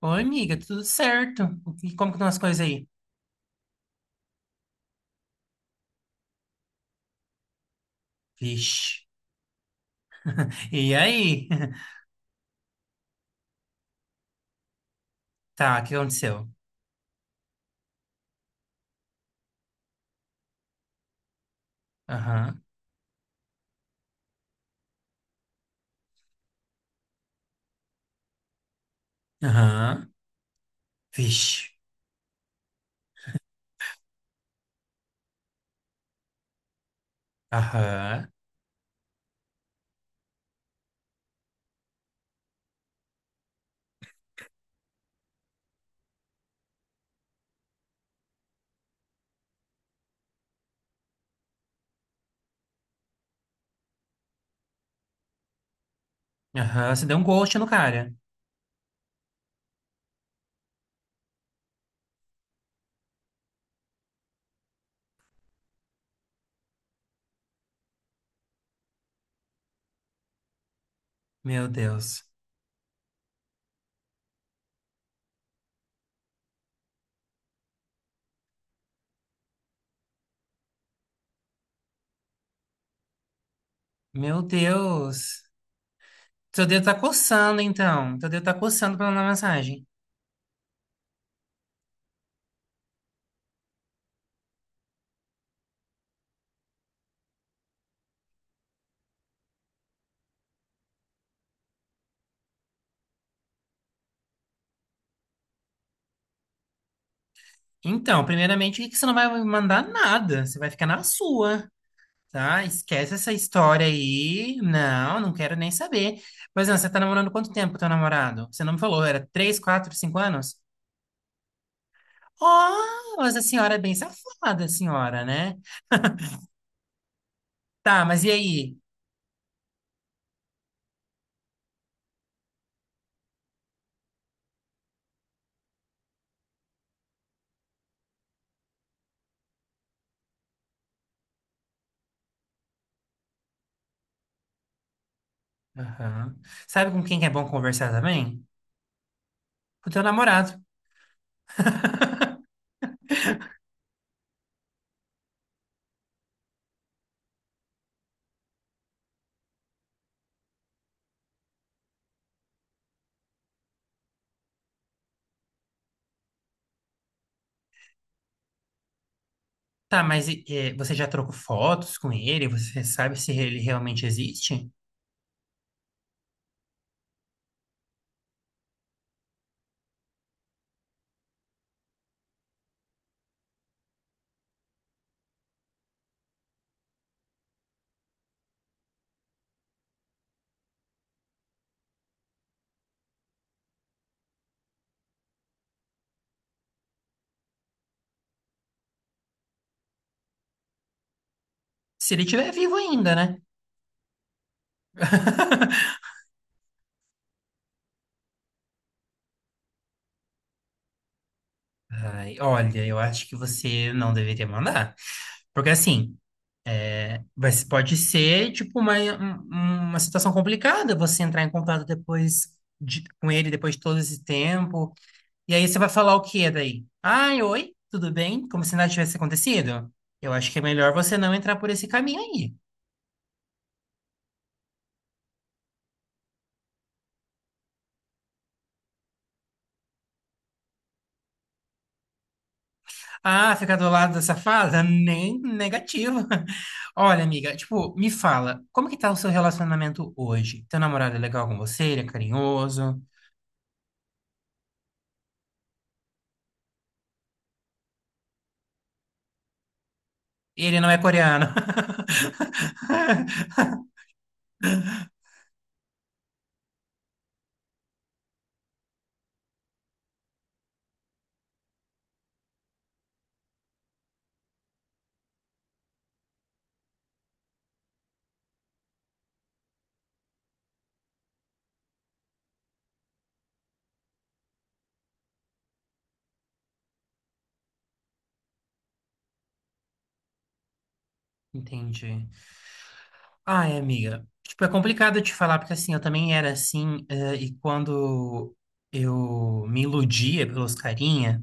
Oi, amiga, tudo certo? Como que estão as coisas aí? Vixe. E aí? Tá, o que aconteceu? Aham, aham, vixe. Aham, aham, você deu um ghost no cara. Meu Deus. Meu Deus. Seu dedo tá coçando, então. Seu dedo tá coçando pra mandar mensagem. Então, primeiramente, que você não vai mandar nada. Você vai ficar na sua. Tá, esquece essa história aí. Não, não quero nem saber. Mas não, você tá namorando quanto tempo com teu namorado? Você não me falou, era 3, 4, 5 anos? Oh, mas a senhora é bem safada, a senhora, né? Tá, mas e aí? Aham. Sabe com quem que é bom conversar também? Com o teu namorado. Tá, mas e você já trocou fotos com ele? Você sabe se ele realmente existe? Se ele estiver vivo ainda, né? Ai, olha, eu acho que você não deveria mandar. Porque assim, vai pode ser tipo uma situação complicada você entrar em contato com ele depois de todo esse tempo. E aí você vai falar o quê daí? Ai, oi, tudo bem? Como se nada tivesse acontecido? Eu acho que é melhor você não entrar por esse caminho aí. Ah, ficar do lado da safada? Nem negativo. Olha, amiga, tipo, me fala, como que tá o seu relacionamento hoje? Teu namorado é legal com você? Ele é carinhoso? Ele não é coreano. Entendi. Ai, amiga. Tipo, é complicado te falar, porque assim, eu também era assim, e quando eu me iludia pelos carinha.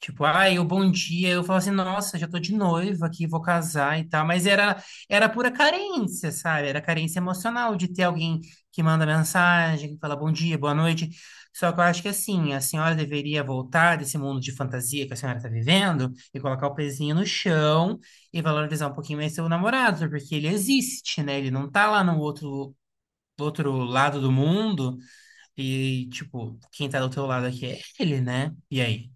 Tipo, ai, o bom dia. Eu falo assim, nossa, já tô de noiva aqui, vou casar e tal. Mas era pura carência, sabe? Era carência emocional de ter alguém que manda mensagem, que fala bom dia, boa noite. Só que eu acho que assim, a senhora deveria voltar desse mundo de fantasia que a senhora tá vivendo e colocar o pezinho no chão e valorizar um pouquinho mais seu namorado, porque ele existe, né? Ele não tá lá no outro, Do outro lado do mundo e, tipo, quem tá do teu lado aqui é ele, né? E aí?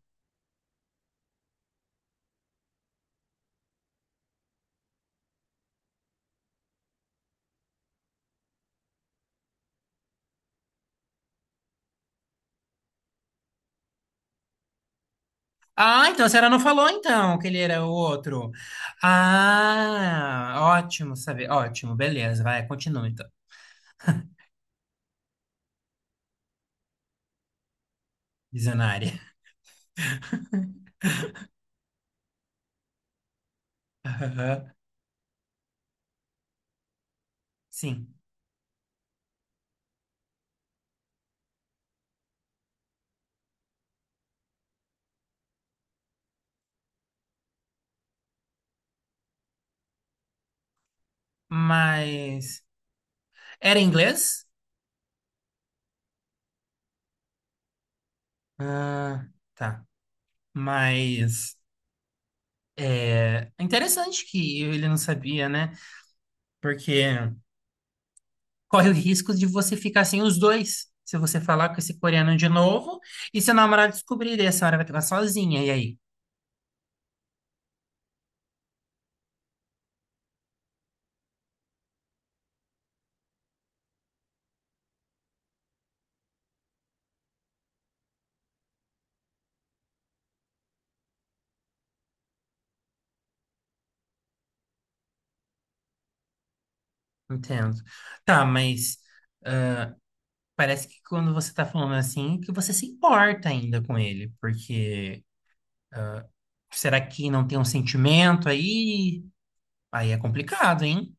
Ah, então a senhora não falou então que ele era o outro. Ah, ótimo saber. Ótimo, beleza. Vai, continua então. Visionária. Sim. Mas era inglês? Ah, tá. Mas é interessante que ele não sabia, né? Porque corre o risco de você ficar sem os dois. Se você falar com esse coreano de novo e seu namorado descobrir, daí a senhora vai ficar sozinha. E aí? Entendo. Tá, mas parece que quando você tá falando assim, que você se importa ainda com ele, porque será que não tem um sentimento aí? Aí é complicado, hein?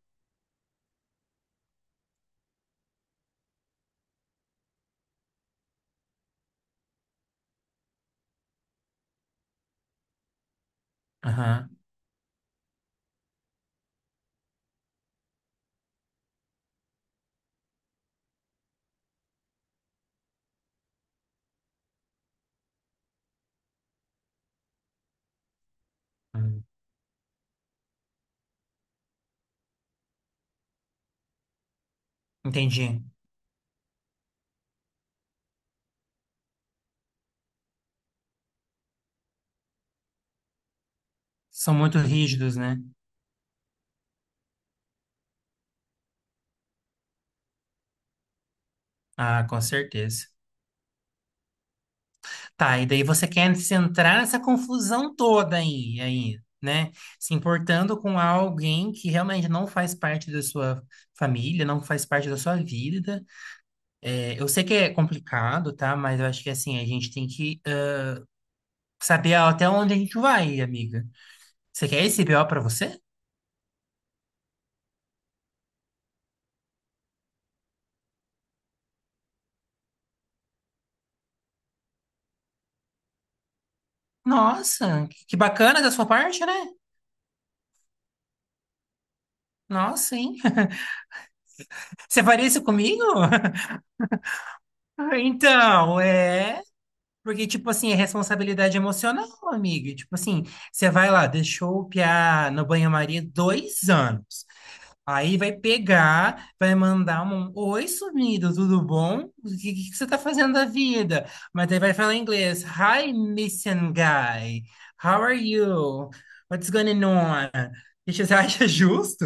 Aham. Hum. Entendi. São muito rígidos, né? Ah, com certeza. Tá, e daí você quer se entrar nessa confusão toda aí, né? Se importando com alguém que realmente não faz parte da sua família, não faz parte da sua vida. É, eu sei que é complicado, tá? Mas eu acho que assim, a gente tem que saber até onde a gente vai, amiga. Você quer esse BO pra você? Nossa, que bacana da sua parte, né? Nossa, hein? Você faria isso comigo? Então, é. Porque, tipo assim, é responsabilidade emocional, amiga. Tipo assim, você vai lá, deixou o piá no banho-maria 2 anos. Aí vai pegar, vai mandar um oi, sumido, tudo bom? O que, que você tá fazendo da vida? Mas aí vai falar em inglês. Hi, missing guy. How are you? What's going on? E você acha justo?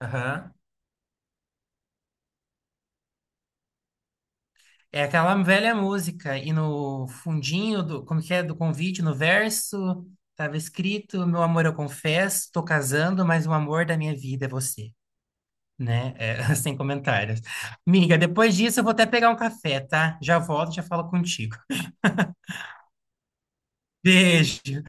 Aham. É aquela velha música. E no fundinho do, como que é, do convite, no verso, tava escrito: meu amor, eu confesso, tô casando, mas o amor da minha vida é você, né? É, sem comentários. Miga, depois disso eu vou até pegar um café, tá? Já volto, já falo contigo. Beijo.